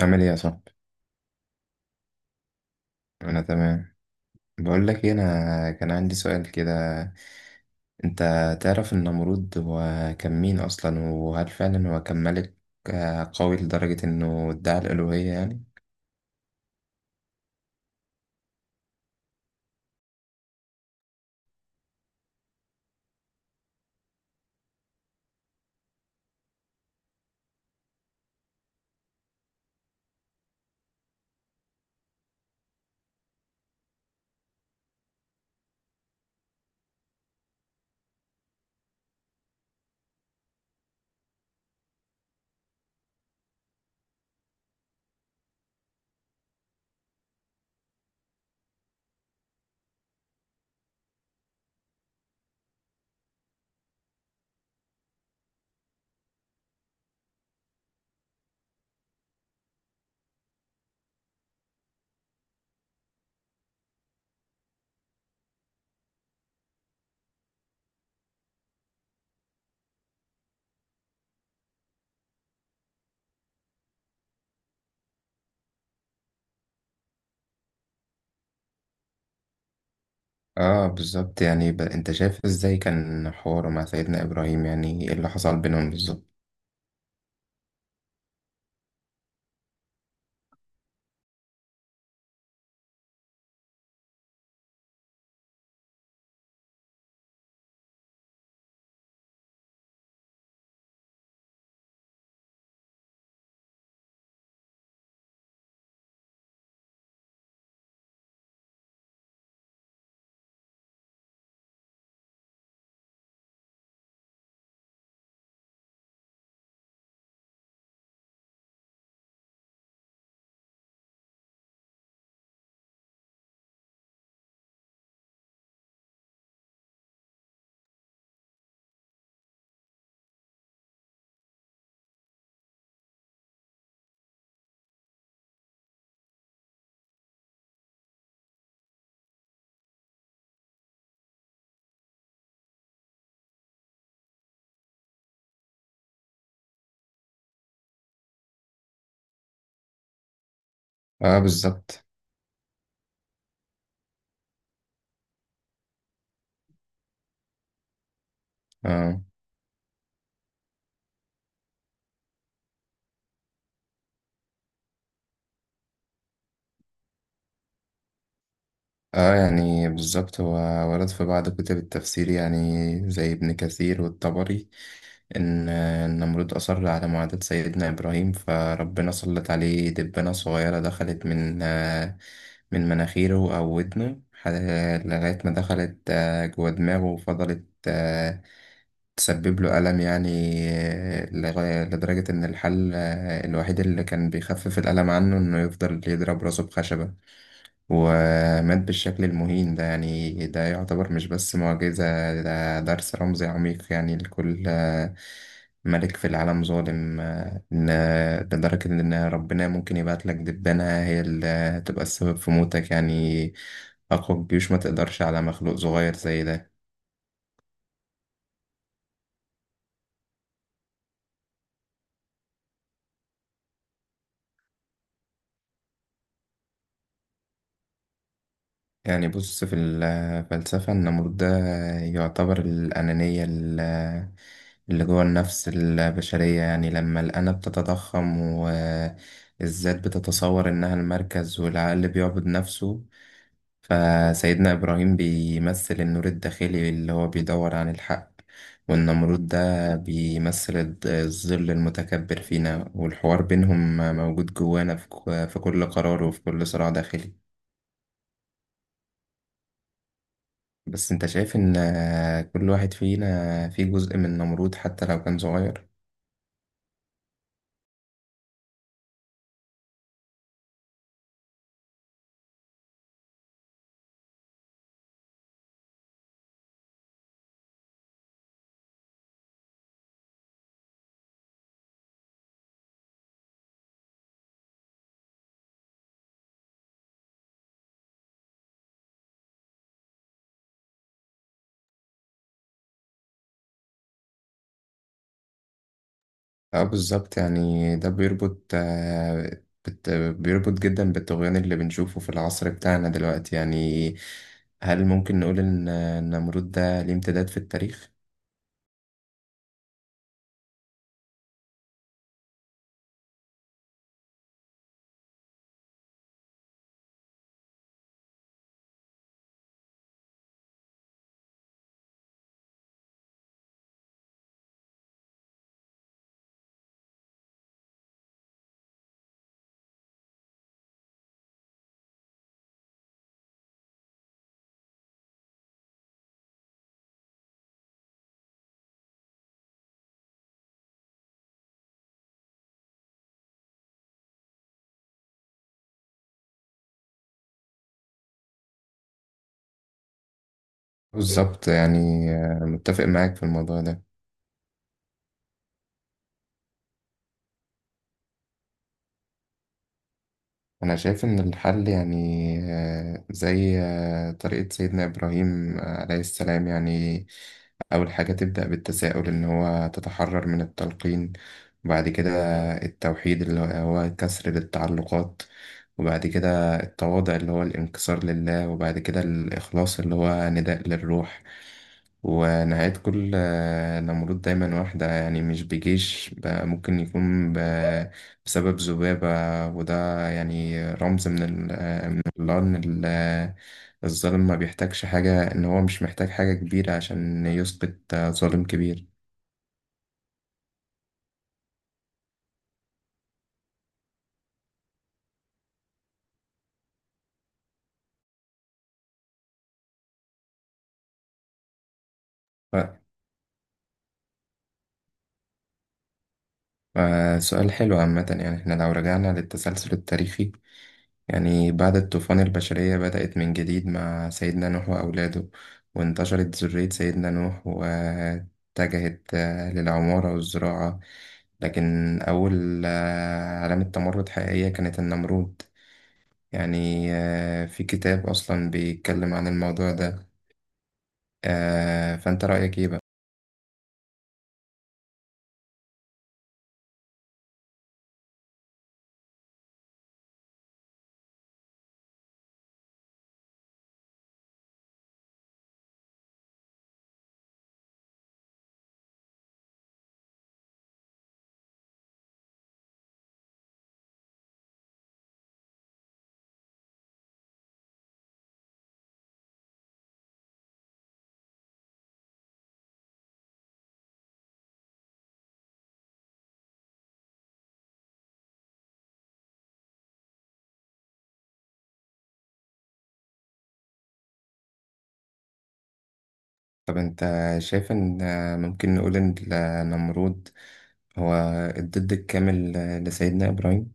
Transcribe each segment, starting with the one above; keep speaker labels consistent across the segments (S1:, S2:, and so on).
S1: عامل ايه يا صاحبي. انا تمام. بقول لك إيه، انا كان عندي سؤال كده. انت تعرف النمرود هو كان مين اصلا، وهل فعلا هو كان ملك قوي لدرجة انه ادعى الالوهية يعني؟ اه بالظبط. يعني انت شايف ازاي كان حواره مع سيدنا ابراهيم، يعني ايه اللي حصل بينهم بالظبط؟ اه بالظبط. اه. اه يعني بالظبط، هو ورد في بعض كتب التفسير يعني زي ابن كثير والطبري، إن النمرود أصر على معاداة سيدنا إبراهيم، فربنا سلط عليه دبانة صغيرة دخلت من مناخيره أو ودنه لغاية ما دخلت جوه دماغه، وفضلت تسبب له ألم يعني. لغاية لدرجة إن الحل الوحيد اللي كان بيخفف الألم عنه، إنه يفضل يضرب راسه بخشبة، ومات بالشكل المهين ده. يعني ده يعتبر مش بس معجزة، ده درس رمزي عميق يعني لكل ملك في العالم ظالم، إن لدرجة إن ربنا ممكن يبعت لك دبانة هي اللي تبقى السبب في موتك يعني. أقوى الجيوش ما تقدرش على مخلوق صغير زي ده. يعني بص، في الفلسفة النمرود ده يعتبر الأنانية اللي جوه النفس البشرية، يعني لما الأنا بتتضخم والذات بتتصور إنها المركز والعقل بيعبد نفسه. فسيدنا إبراهيم بيمثل النور الداخلي اللي هو بيدور عن الحق، والنمرود ده بيمثل الظل المتكبر فينا، والحوار بينهم موجود جوانا في في كل قرار وفي كل صراع داخلي. بس انت شايف ان، كل واحد فينا فيه جزء من نمرود حتى لو كان صغير؟ اه بالظبط، يعني ده بيربط بيربط جدا بالطغيان اللي بنشوفه في العصر بتاعنا دلوقتي يعني. هل ممكن نقول ان النمرود ده ليه امتداد في التاريخ؟ بالظبط، يعني متفق معاك في الموضوع ده. أنا شايف إن الحل يعني زي طريقة سيدنا إبراهيم عليه السلام، يعني أول حاجة تبدأ بالتساؤل إن هو تتحرر من التلقين، وبعد كده التوحيد اللي هو كسر للتعلقات، وبعد كده التواضع اللي هو الانكسار لله، وبعد كده الإخلاص اللي هو نداء للروح. ونهاية كل نمرود دايما واحدة، يعني مش بجيش بقى، ممكن يكون بسبب ذبابة. وده يعني رمز من الله، إن الظالم ما بيحتاجش حاجة، إن هو مش محتاج حاجة كبيرة عشان يسقط ظالم كبير. ف- سؤال حلو عامة. يعني احنا لو رجعنا للتسلسل التاريخي، يعني بعد الطوفان البشرية بدأت من جديد مع سيدنا نوح وأولاده، وانتشرت ذرية سيدنا نوح واتجهت للعمارة والزراعة. لكن أول علامة تمرد حقيقية كانت النمرود. يعني في كتاب أصلا بيتكلم عن الموضوع ده. فأنت رأيك إيه بقى؟ طب أنت شايف إن ممكن نقول إن النمرود هو الضد الكامل لسيدنا إبراهيم؟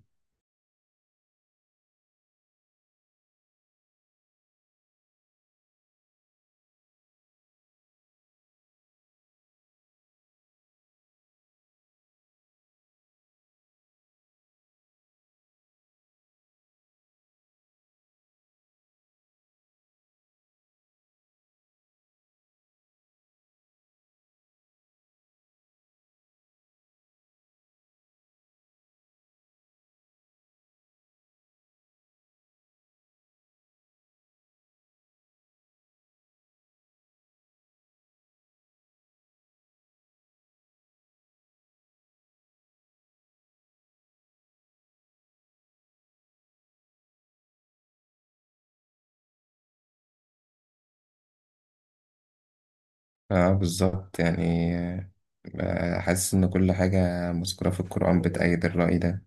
S1: اه بالظبط. يعني حاسس ان كل حاجة مذكورة في القرآن بتأيد الرأي ده.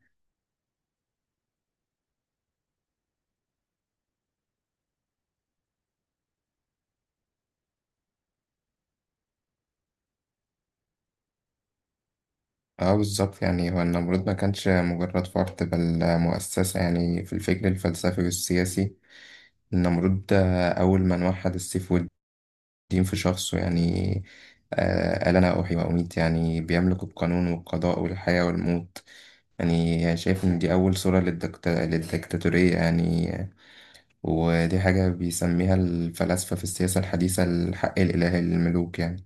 S1: اه بالظبط. يعني هو النمرود ما كانش مجرد فرد بل مؤسسة، يعني في الفكر الفلسفي والسياسي النمرود ده أول من وحد السيف والدين في شخصه. يعني قال أنا أحيي وأميت، يعني بيملك القانون والقضاء والحياة والموت. يعني شايف إن دي أول صورة للدكتاتورية يعني، ودي حاجة بيسميها الفلاسفة في السياسة الحديثة الحق الإلهي للملوك يعني.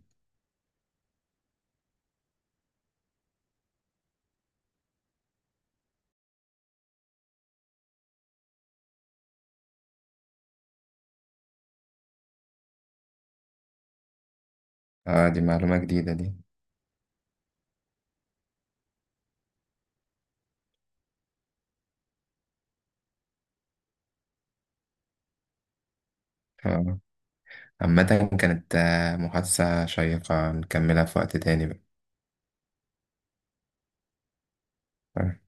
S1: اه دي معلومة جديدة دي. اه عامة، كانت محادثة شيقة، نكملها في وقت تاني بقى. آه.